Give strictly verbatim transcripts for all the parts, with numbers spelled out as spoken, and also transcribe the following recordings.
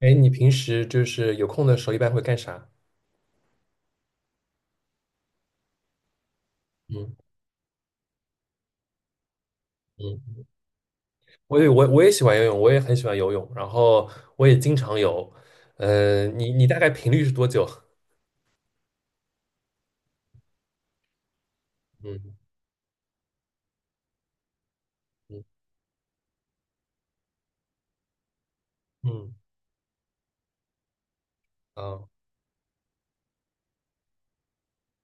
哎，你平时就是有空的时候一般会干啥？嗯嗯，我也我我也喜欢游泳，我也很喜欢游泳，然后我也经常游。呃，你你大概频率是多久？嗯嗯嗯啊，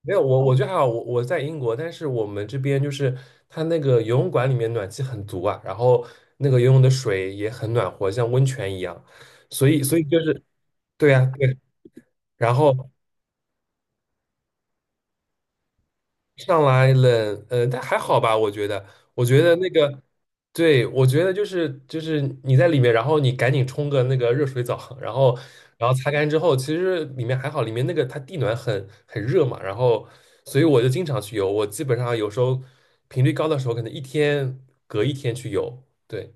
没有，我我觉得还好，我我在英国，但是我们这边就是它那个游泳馆里面暖气很足啊，然后那个游泳的水也很暖和，像温泉一样，所以所以就是对呀、对，然后。上来冷，呃，但还好吧，我觉得，我觉得那个，对，我觉得就是就是你在里面，然后你赶紧冲个那个热水澡，然后然后擦干之后，其实里面还好，里面那个它地暖很很热嘛，然后所以我就经常去游，我基本上有时候频率高的时候，可能一天隔一天去游。对，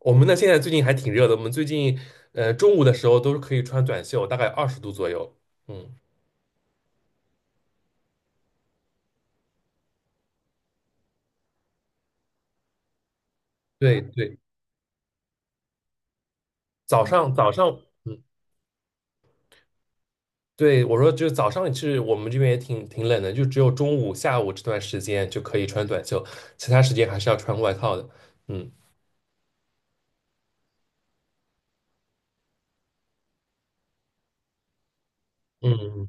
我们呢现在最近还挺热的，我们最近呃中午的时候都是可以穿短袖，大概二十度左右。嗯，对对，早上早上。嗯。对，我说，就是早上其实我们这边也挺挺冷的，就只有中午、下午这段时间就可以穿短袖，其他时间还是要穿外套的。嗯嗯，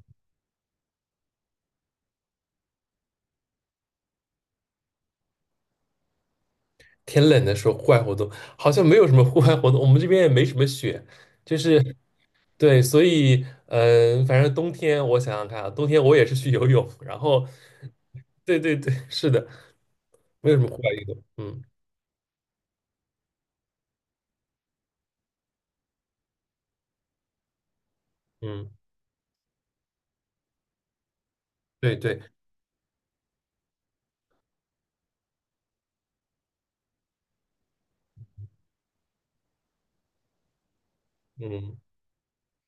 天冷的时候户外活动好像没有什么户外活动，我们这边也没什么雪，就是对，所以嗯、呃反正冬天我想想看啊，冬天我也是去游泳，然后对对对，是的，没有什么户外运动。嗯嗯，对对，嗯。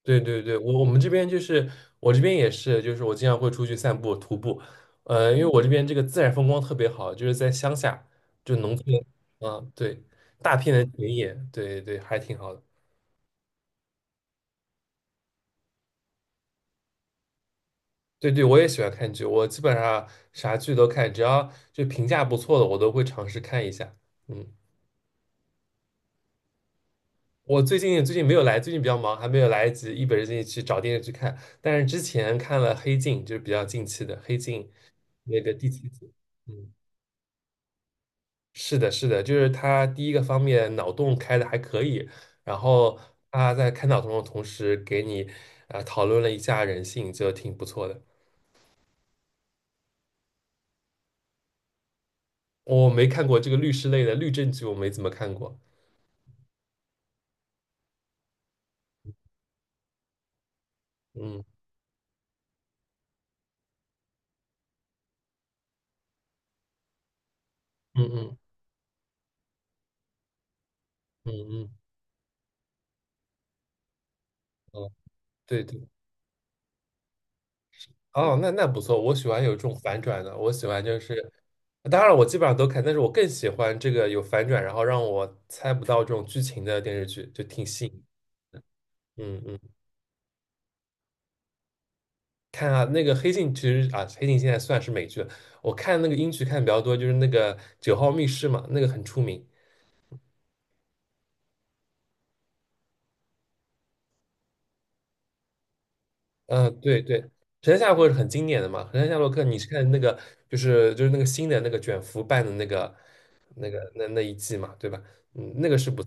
对对对，我我们这边就是我这边也是，就是我经常会出去散步、徒步，呃，因为我这边这个自然风光特别好，就是在乡下，就农村，啊，对，大片的田野，对对，还挺好的。对对，我也喜欢看剧，我基本上啥剧都看，只要就评价不错的，我都会尝试看一下。嗯，我最近最近没有来，最近比较忙，还没有来得及一本正经去找电视剧看，但是之前看了《黑镜》，就是比较近期的《黑镜》那个第七集。嗯。是的，是的，就是他第一个方面脑洞开的还可以，然后他在开脑洞的同时给你啊、呃讨论了一下人性，就挺不错的。我没看过这个律师类的律政剧，我没怎么看过。嗯嗯嗯嗯嗯，哦，对对，哦，那那不错，我喜欢有这种反转的，我喜欢就是，当然了我基本上都看，但是我更喜欢这个有反转，然后让我猜不到这种剧情的电视剧，就挺吸引。嗯嗯。看啊，那个《黑镜》其实啊，《黑镜》现在算是美剧了。我看那个英剧看的比较多，就是那个《九号密室》嘛，那个很出名。嗯，呃对对，《神探夏洛克》是很经典的嘛，《神探夏洛克》你是看那个就是就是那个新的那个卷福办的那个那个那那一季嘛，对吧？嗯，那个是不，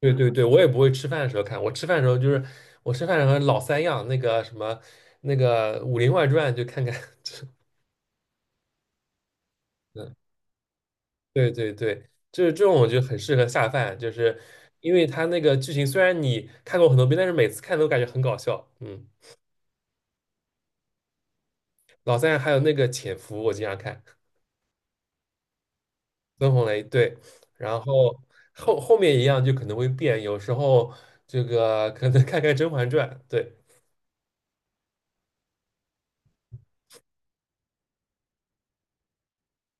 对对对，我也不会吃饭的时候看，我吃饭的时候就是我吃饭的时候老三样，那个什么那个《武林外传》就看看，嗯。对对对，就是这种，我觉得很适合下饭，就是因为它那个剧情虽然你看过很多遍，但是每次看都感觉很搞笑。嗯，老三还有那个《潜伏》，我经常看，孙红雷对，然后后后面一样就可能会变，有时候这个可能看看《甄嬛传》，对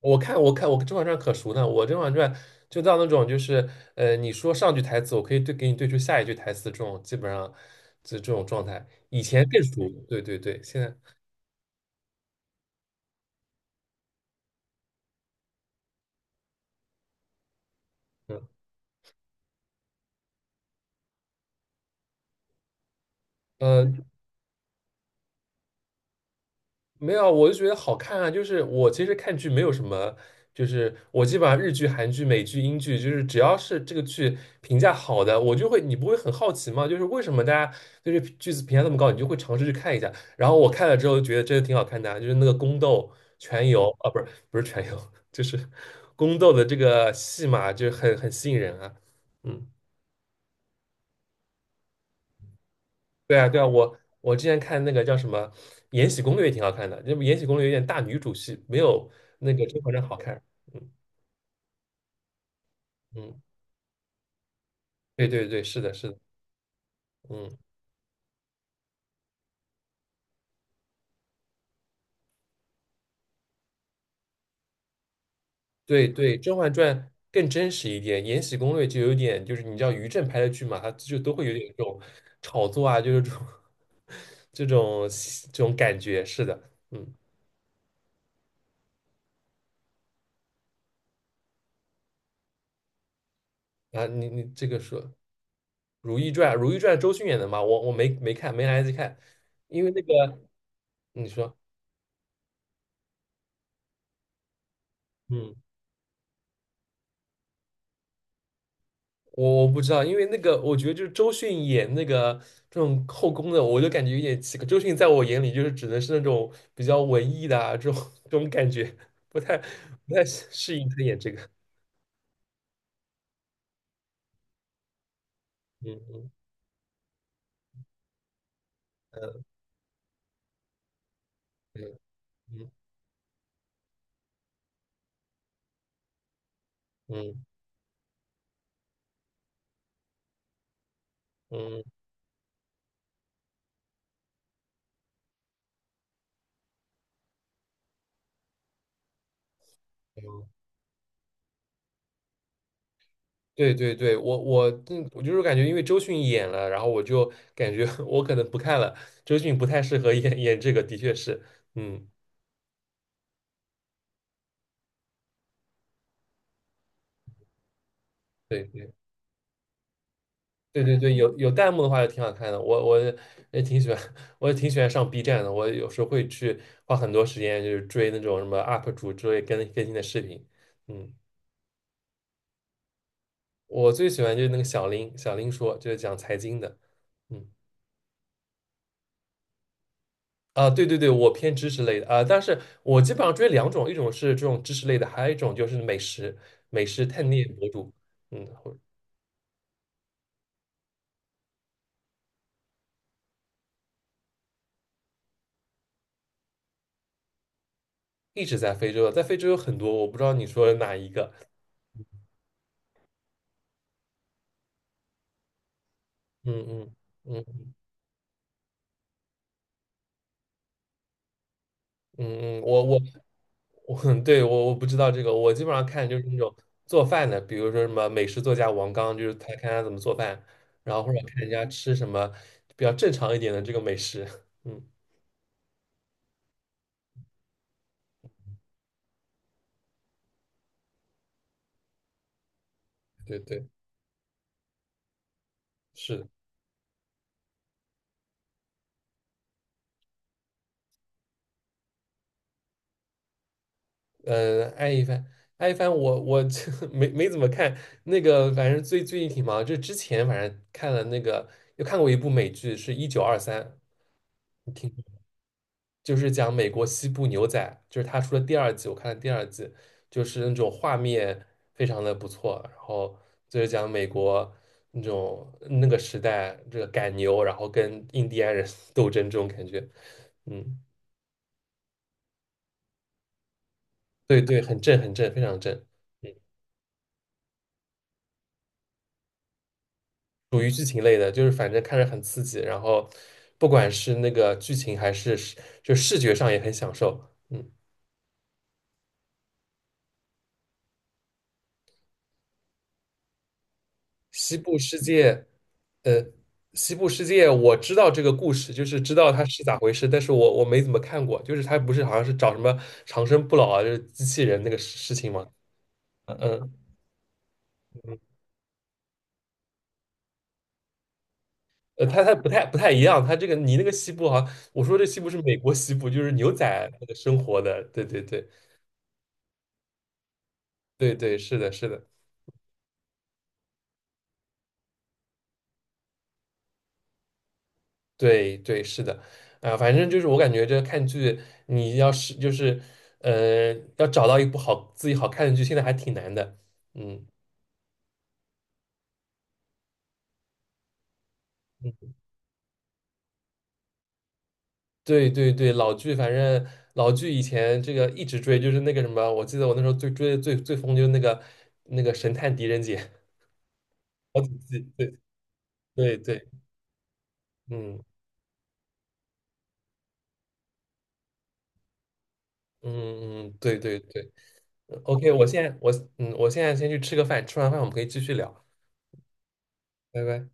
我看我看我《甄嬛传》可熟呢，我《甄嬛传》就到那种就是呃你说上句台词，我可以对给你对出下一句台词，这种基本上就这种状态，以前更熟，对对对，现在嗯。呃，没有，我就觉得好看啊。就是我其实看剧没有什么，就是我基本上日剧、韩剧、美剧、英剧，就是只要是这个剧评价好的，我就会，你不会很好奇吗？就是为什么大家对这剧子评价这么高，你就会尝试去看一下。然后我看了之后觉得真的挺好看的啊，就是那个宫斗、全游啊，不是不是全游，就是宫斗的这个戏码，就是很很吸引人啊。嗯。对啊，对啊，我我之前看那个叫什么《延禧攻略》也挺好看的，那么《延禧攻略》有点大女主戏，没有那个《甄嬛传》好看。嗯嗯，对对对，是的，是的，嗯，对对，《甄嬛传》更真实一点，《延禧攻略》就有点就是你知道于正拍的剧嘛，它就都会有点这种炒作啊，就是这种 这种这种感觉。是的，嗯啊，你你这个说《如懿传》，《如懿传》周迅演的嘛，我我没没看，没来得及看，因为那个你说。嗯。我我不知道，因为那个我觉得就是周迅演那个这种后宫的，我就感觉有点奇怪。周迅在我眼里就是只能是那种比较文艺的啊，这种 这种感觉，不太不太适适应她演这个。嗯嗯嗯对嗯嗯嗯嗯，对对对，我我嗯我就是感觉因为周迅演了，然后我就感觉 我可能不看了，周迅不太适合演演这个，的确是，嗯。对。对对对，有有弹幕的话就挺好看的，我我也挺喜欢，我也挺喜欢上 B 站的，我有时候会去花很多时间，就是追那种什么 U P 主之类更更新的视频。嗯，我最喜欢就是那个小林，小林说就是讲财经的。嗯啊，对对对，我偏知识类的啊，但是我基本上追两种，一种是这种知识类的，还有一种就是美食美食探店博主。嗯，我一直在非洲，在非洲有很多，我不知道你说的哪一个。嗯嗯嗯嗯嗯，我我我 对我我不知道这个，我基本上看就是那种做饭的，比如说什么美食作家王刚，就是他看他怎么做饭，然后或者看人家吃什么比较正常一点的这个美食。嗯，对对，是的，呃，爱一帆，爱一帆，我，我 没没怎么看那个，反正最最近挺忙，就之前反正看了那个，又看过一部美剧，是一九二三，就是讲美国西部牛仔，就是他出了第二季，我看了第二季，就是那种画面非常的不错，然后就是讲美国那种那个时代这个赶牛，然后跟印第安人 斗争这种感觉，嗯，对对，很正很正，非常正，嗯，属于剧情类的，就是反正看着很刺激，然后不管是那个剧情还是视就视觉上也很享受，嗯。西部世界，呃，西部世界，我知道这个故事，就是知道它是咋回事，但是我我没怎么看过，就是它不是好像是找什么长生不老啊，就是机器人那个事事情吗？嗯嗯，嗯呃，它它不太不太一样，它这个你那个西部好像，我说这西部是美国西部，就是牛仔那个生活的，对对对对对，是的是的，对对是的，啊、反正就是我感觉这看剧，你要是就是呃要找到一部好自己好看的剧，现在还挺难的，嗯。嗯对对对，老剧，反正老剧以前这个一直追，就是那个什么，我记得我那时候最追的最最疯就是那个那个神探狄仁杰，好几季，对对对，嗯嗯嗯，对对对 o k 我现在我嗯，我现在先去吃个饭，吃完饭我们可以继续聊，拜拜。